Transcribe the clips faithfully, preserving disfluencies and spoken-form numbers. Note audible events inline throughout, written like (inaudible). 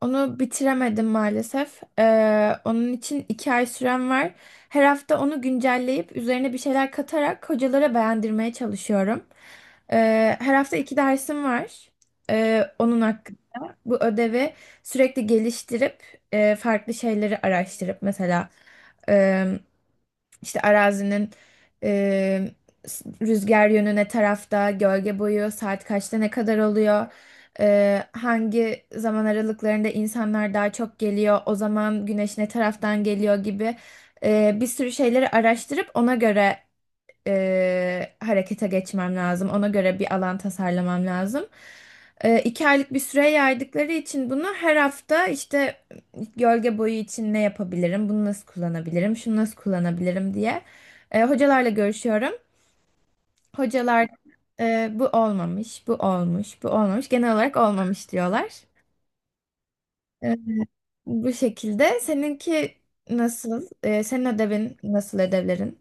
Onu bitiremedim maalesef. Ee, onun için iki ay sürem var. Her hafta onu güncelleyip üzerine bir şeyler katarak hocalara beğendirmeye çalışıyorum. Ee, her hafta iki dersim var. Ee, onun hakkında. Bu ödevi sürekli geliştirip e, farklı şeyleri araştırıp mesela işte arazinin e, s- rüzgar yönüne tarafta, gölge boyu, saat kaçta ne kadar oluyor, e, hangi zaman aralıklarında insanlar daha çok geliyor, o zaman güneş ne taraftan geliyor gibi e, bir sürü şeyleri araştırıp ona göre e, harekete geçmem lazım. Ona göre bir alan tasarlamam lazım. E, iki aylık bir süre yaydıkları için bunu her hafta işte gölge boyu için ne yapabilirim, bunu nasıl kullanabilirim, şunu nasıl kullanabilirim diye e, hocalarla görüşüyorum. Hocalar e, bu olmamış, bu olmuş, bu olmamış. Genel olarak olmamış diyorlar. E, Bu şekilde. Seninki nasıl? E, senin ödevin nasıl ödevlerin?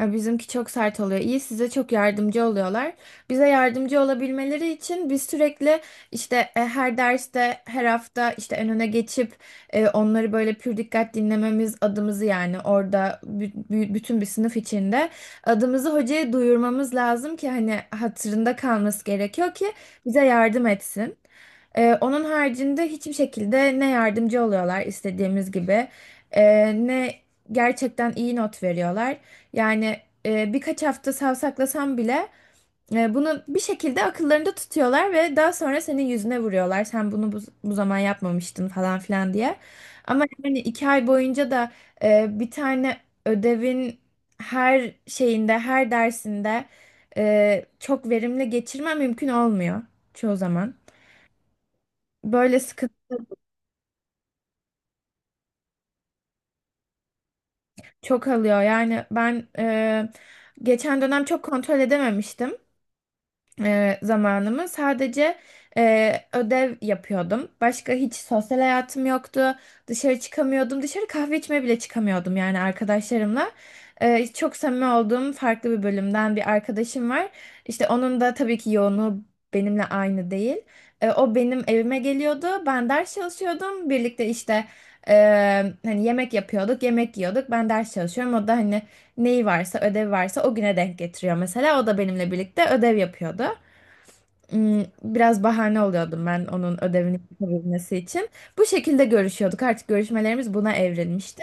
E, Bizimki çok sert oluyor. İyi size çok yardımcı oluyorlar. Bize yardımcı olabilmeleri için biz sürekli işte e, her derste, her hafta işte en öne geçip e, onları böyle pür dikkat dinlememiz adımızı yani orada bü- bü- bütün bir sınıf içinde adımızı hocaya duyurmamız lazım ki hani hatırında kalması gerekiyor ki bize yardım etsin. E, onun haricinde hiçbir şekilde ne yardımcı oluyorlar istediğimiz gibi e, ne gerçekten iyi not veriyorlar. Yani e, birkaç hafta savsaklasam bile e, bunu bir şekilde akıllarında tutuyorlar ve daha sonra senin yüzüne vuruyorlar. Sen bunu bu, bu zaman yapmamıştın falan filan diye. Ama yani iki ay boyunca da e, bir tane ödevin her şeyinde, her dersinde e, çok verimli geçirmem mümkün olmuyor çoğu zaman. Böyle sıkıntı çok alıyor. Yani ben e, geçen dönem çok kontrol edememiştim. e, zamanımı sadece e, ödev yapıyordum. Başka hiç sosyal hayatım yoktu. Dışarı çıkamıyordum. Dışarı kahve içmeye bile çıkamıyordum yani arkadaşlarımla. E, çok samimi olduğum farklı bir bölümden bir arkadaşım var. İşte onun da tabii ki yoğunluğu benimle aynı değil. E, o benim evime geliyordu. Ben ders çalışıyordum. Birlikte işte e, hani yemek yapıyorduk, yemek yiyorduk. Ben ders çalışıyorum. O da hani neyi varsa, ödev varsa o güne denk getiriyor mesela. O da benimle birlikte ödev yapıyordu. Hmm, biraz bahane oluyordum ben onun ödevini yapabilmesi için. Bu şekilde görüşüyorduk. Artık görüşmelerimiz buna evrilmişti.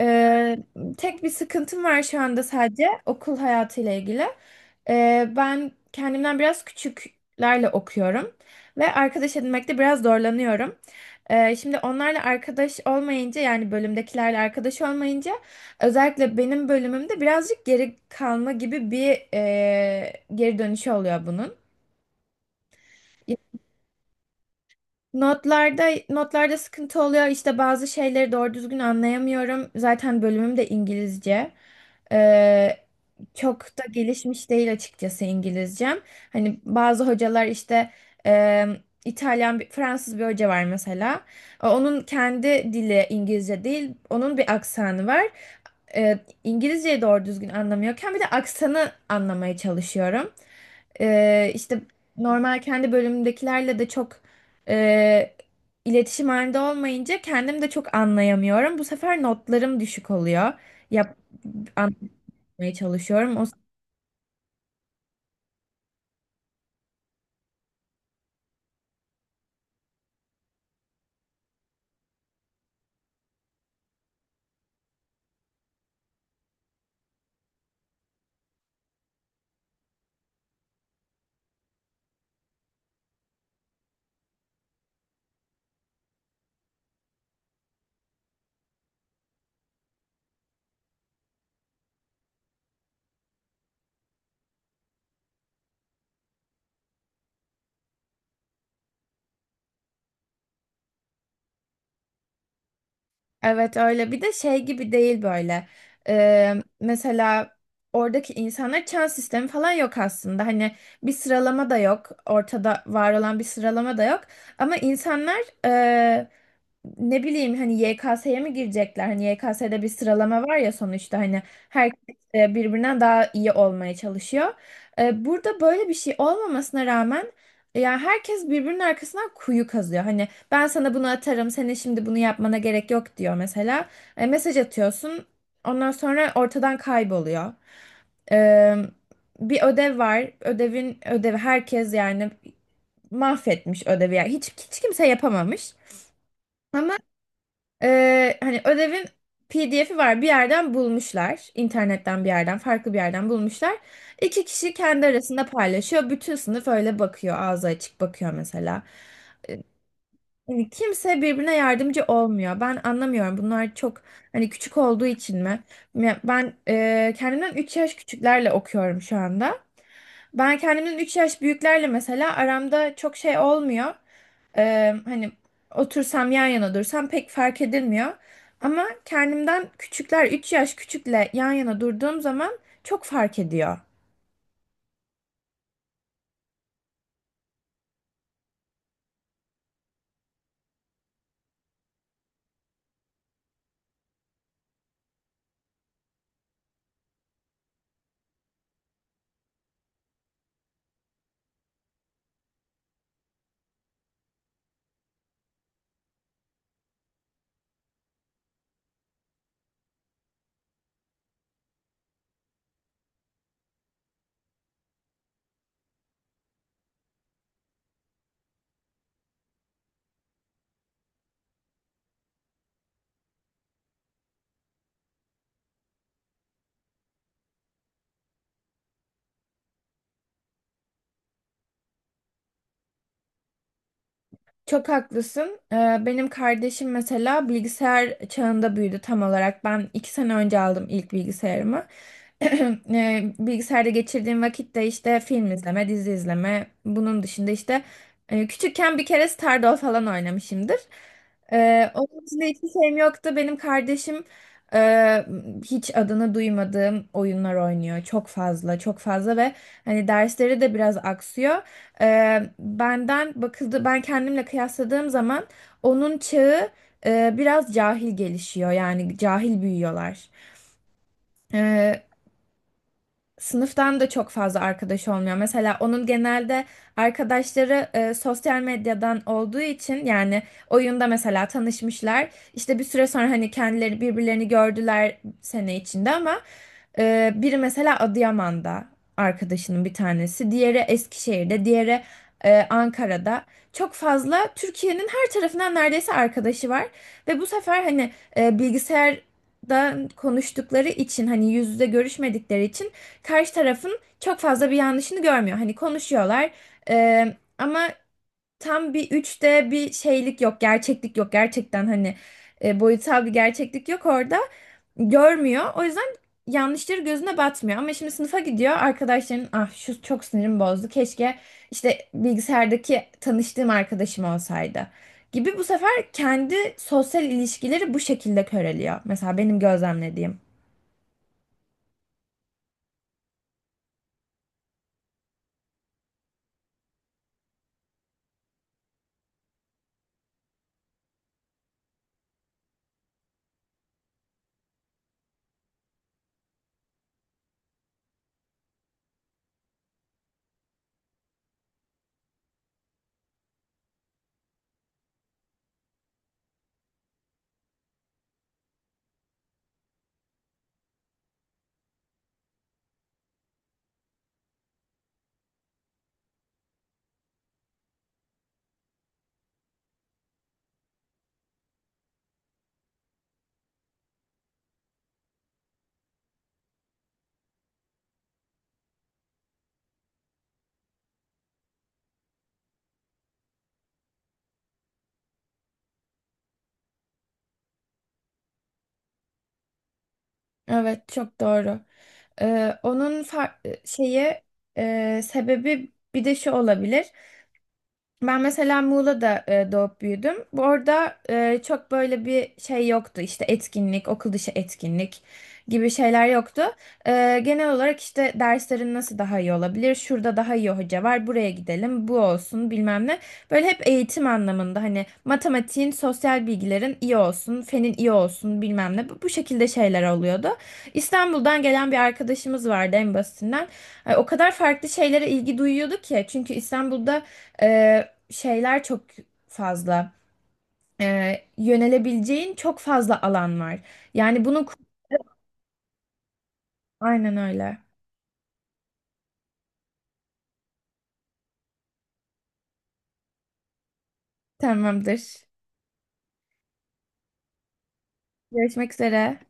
Ee, tek bir sıkıntım var şu anda sadece okul hayatıyla ilgili. Ee, ben kendimden biraz küçüklerle okuyorum ve arkadaş edinmekte biraz zorlanıyorum. Ee, şimdi onlarla arkadaş olmayınca yani bölümdekilerle arkadaş olmayınca özellikle benim bölümümde birazcık geri kalma gibi bir e, geri dönüşü oluyor bunun. Notlarda notlarda sıkıntı oluyor. İşte bazı şeyleri doğru düzgün anlayamıyorum. Zaten bölümüm de İngilizce. Ee, çok da gelişmiş değil açıkçası İngilizcem. Hani bazı hocalar işte e, İtalyan, bir, Fransız bir hoca var mesela. Onun kendi dili İngilizce değil. Onun bir aksanı var. Ee, İngilizceyi doğru düzgün anlamıyorken bir de aksanı anlamaya çalışıyorum. Ee, işte normal kendi bölümümdekilerle de çok e, iletişim halinde olmayınca kendim de çok anlayamıyorum. Bu sefer notlarım düşük oluyor. Yap, anlamaya çalışıyorum. O Evet, öyle bir de şey gibi değil böyle. Ee, mesela oradaki insanlar çan sistemi falan yok aslında. Hani bir sıralama da yok, ortada var olan bir sıralama da yok, ama insanlar e, ne bileyim hani Y K S'ye mi girecekler, hani Y K S'de bir sıralama var ya sonuçta, hani herkes e, birbirinden daha iyi olmaya çalışıyor. E, burada böyle bir şey olmamasına rağmen yani herkes birbirinin arkasından kuyu kazıyor. Hani ben sana bunu atarım. Senin şimdi bunu yapmana gerek yok diyor mesela. E, mesaj atıyorsun. Ondan sonra ortadan kayboluyor. E, bir ödev var. Ödevin ödevi herkes yani mahvetmiş ödevi. Yani hiç hiç kimse yapamamış. Ama e, hani ödevin P D F'i var. Bir yerden bulmuşlar. İnternetten bir yerden, farklı bir yerden bulmuşlar. İki kişi kendi arasında paylaşıyor. Bütün sınıf öyle bakıyor. Ağzı açık bakıyor mesela. Yani kimse birbirine yardımcı olmuyor. Ben anlamıyorum. Bunlar çok hani küçük olduğu için mi? Ya ben e, kendimden üç yaş küçüklerle okuyorum şu anda. Ben kendimden üç yaş büyüklerle mesela aramda çok şey olmuyor. E, hani otursam yan yana dursam pek fark edilmiyor. Ama kendimden küçükler üç yaş küçükle yan yana durduğum zaman çok fark ediyor. Çok haklısın. Ee, benim kardeşim mesela bilgisayar çağında büyüdü tam olarak. Ben iki sene önce aldım ilk bilgisayarımı. (clears throat) Ee, Bilgisayarda geçirdiğim vakitte işte film izleme, dizi izleme. Bunun dışında işte e, küçükken bir kere Stardoll falan oynamışımdır. Ee, onun dışında hiçbir şeyim yoktu. Benim kardeşim e, hiç adını duymadığım oyunlar oynuyor. Çok fazla, çok fazla ve hani dersleri de biraz aksıyor. Eee, benden bakıldı, ben kendimle kıyasladığım zaman onun çağı eee, biraz cahil gelişiyor, yani cahil büyüyorlar. Eee, sınıftan da çok fazla arkadaş olmuyor. Mesela onun genelde arkadaşları e, sosyal medyadan olduğu için yani oyunda mesela tanışmışlar. İşte bir süre sonra hani kendileri birbirlerini gördüler sene içinde ama e, biri mesela Adıyaman'da arkadaşının bir tanesi, diğeri Eskişehir'de, diğeri e, Ankara'da. Çok fazla Türkiye'nin her tarafından neredeyse arkadaşı var ve bu sefer hani e, bilgisayardan konuştukları için, hani yüz yüze görüşmedikleri için karşı tarafın çok fazla bir yanlışını görmüyor. Hani konuşuyorlar e, ama tam bir üçte bir şeylik yok, gerçeklik yok. Gerçekten hani e, boyutsal bir gerçeklik yok orada. Görmüyor. O yüzden yanlışları gözüne batmıyor. Ama şimdi sınıfa gidiyor. Arkadaşların, ah şu çok sinirim bozdu, keşke işte bilgisayardaki tanıştığım arkadaşım olsaydı gibi. Bu sefer kendi sosyal ilişkileri bu şekilde köreliyor. Mesela benim gözlemlediğim. Evet, çok doğru. Ee, onun far- şeyi e, sebebi bir de şu olabilir. Ben mesela Muğla'da e, doğup büyüdüm. Bu arada e, çok böyle bir şey yoktu. İşte etkinlik, okul dışı etkinlik gibi şeyler yoktu. E, genel olarak işte derslerin nasıl daha iyi olabilir? Şurada daha iyi hoca var, buraya gidelim, bu olsun bilmem ne. Böyle hep eğitim anlamında hani matematiğin, sosyal bilgilerin iyi olsun, fenin iyi olsun bilmem ne. Bu, bu şekilde şeyler oluyordu. İstanbul'dan gelen bir arkadaşımız vardı en basitinden. E, o kadar farklı şeylere ilgi duyuyordu ki. Çünkü İstanbul'da... E, şeyler çok fazla. Ee, yönelebileceğin çok fazla alan var. Yani bunu aynen öyle. Tamamdır. Görüşmek üzere.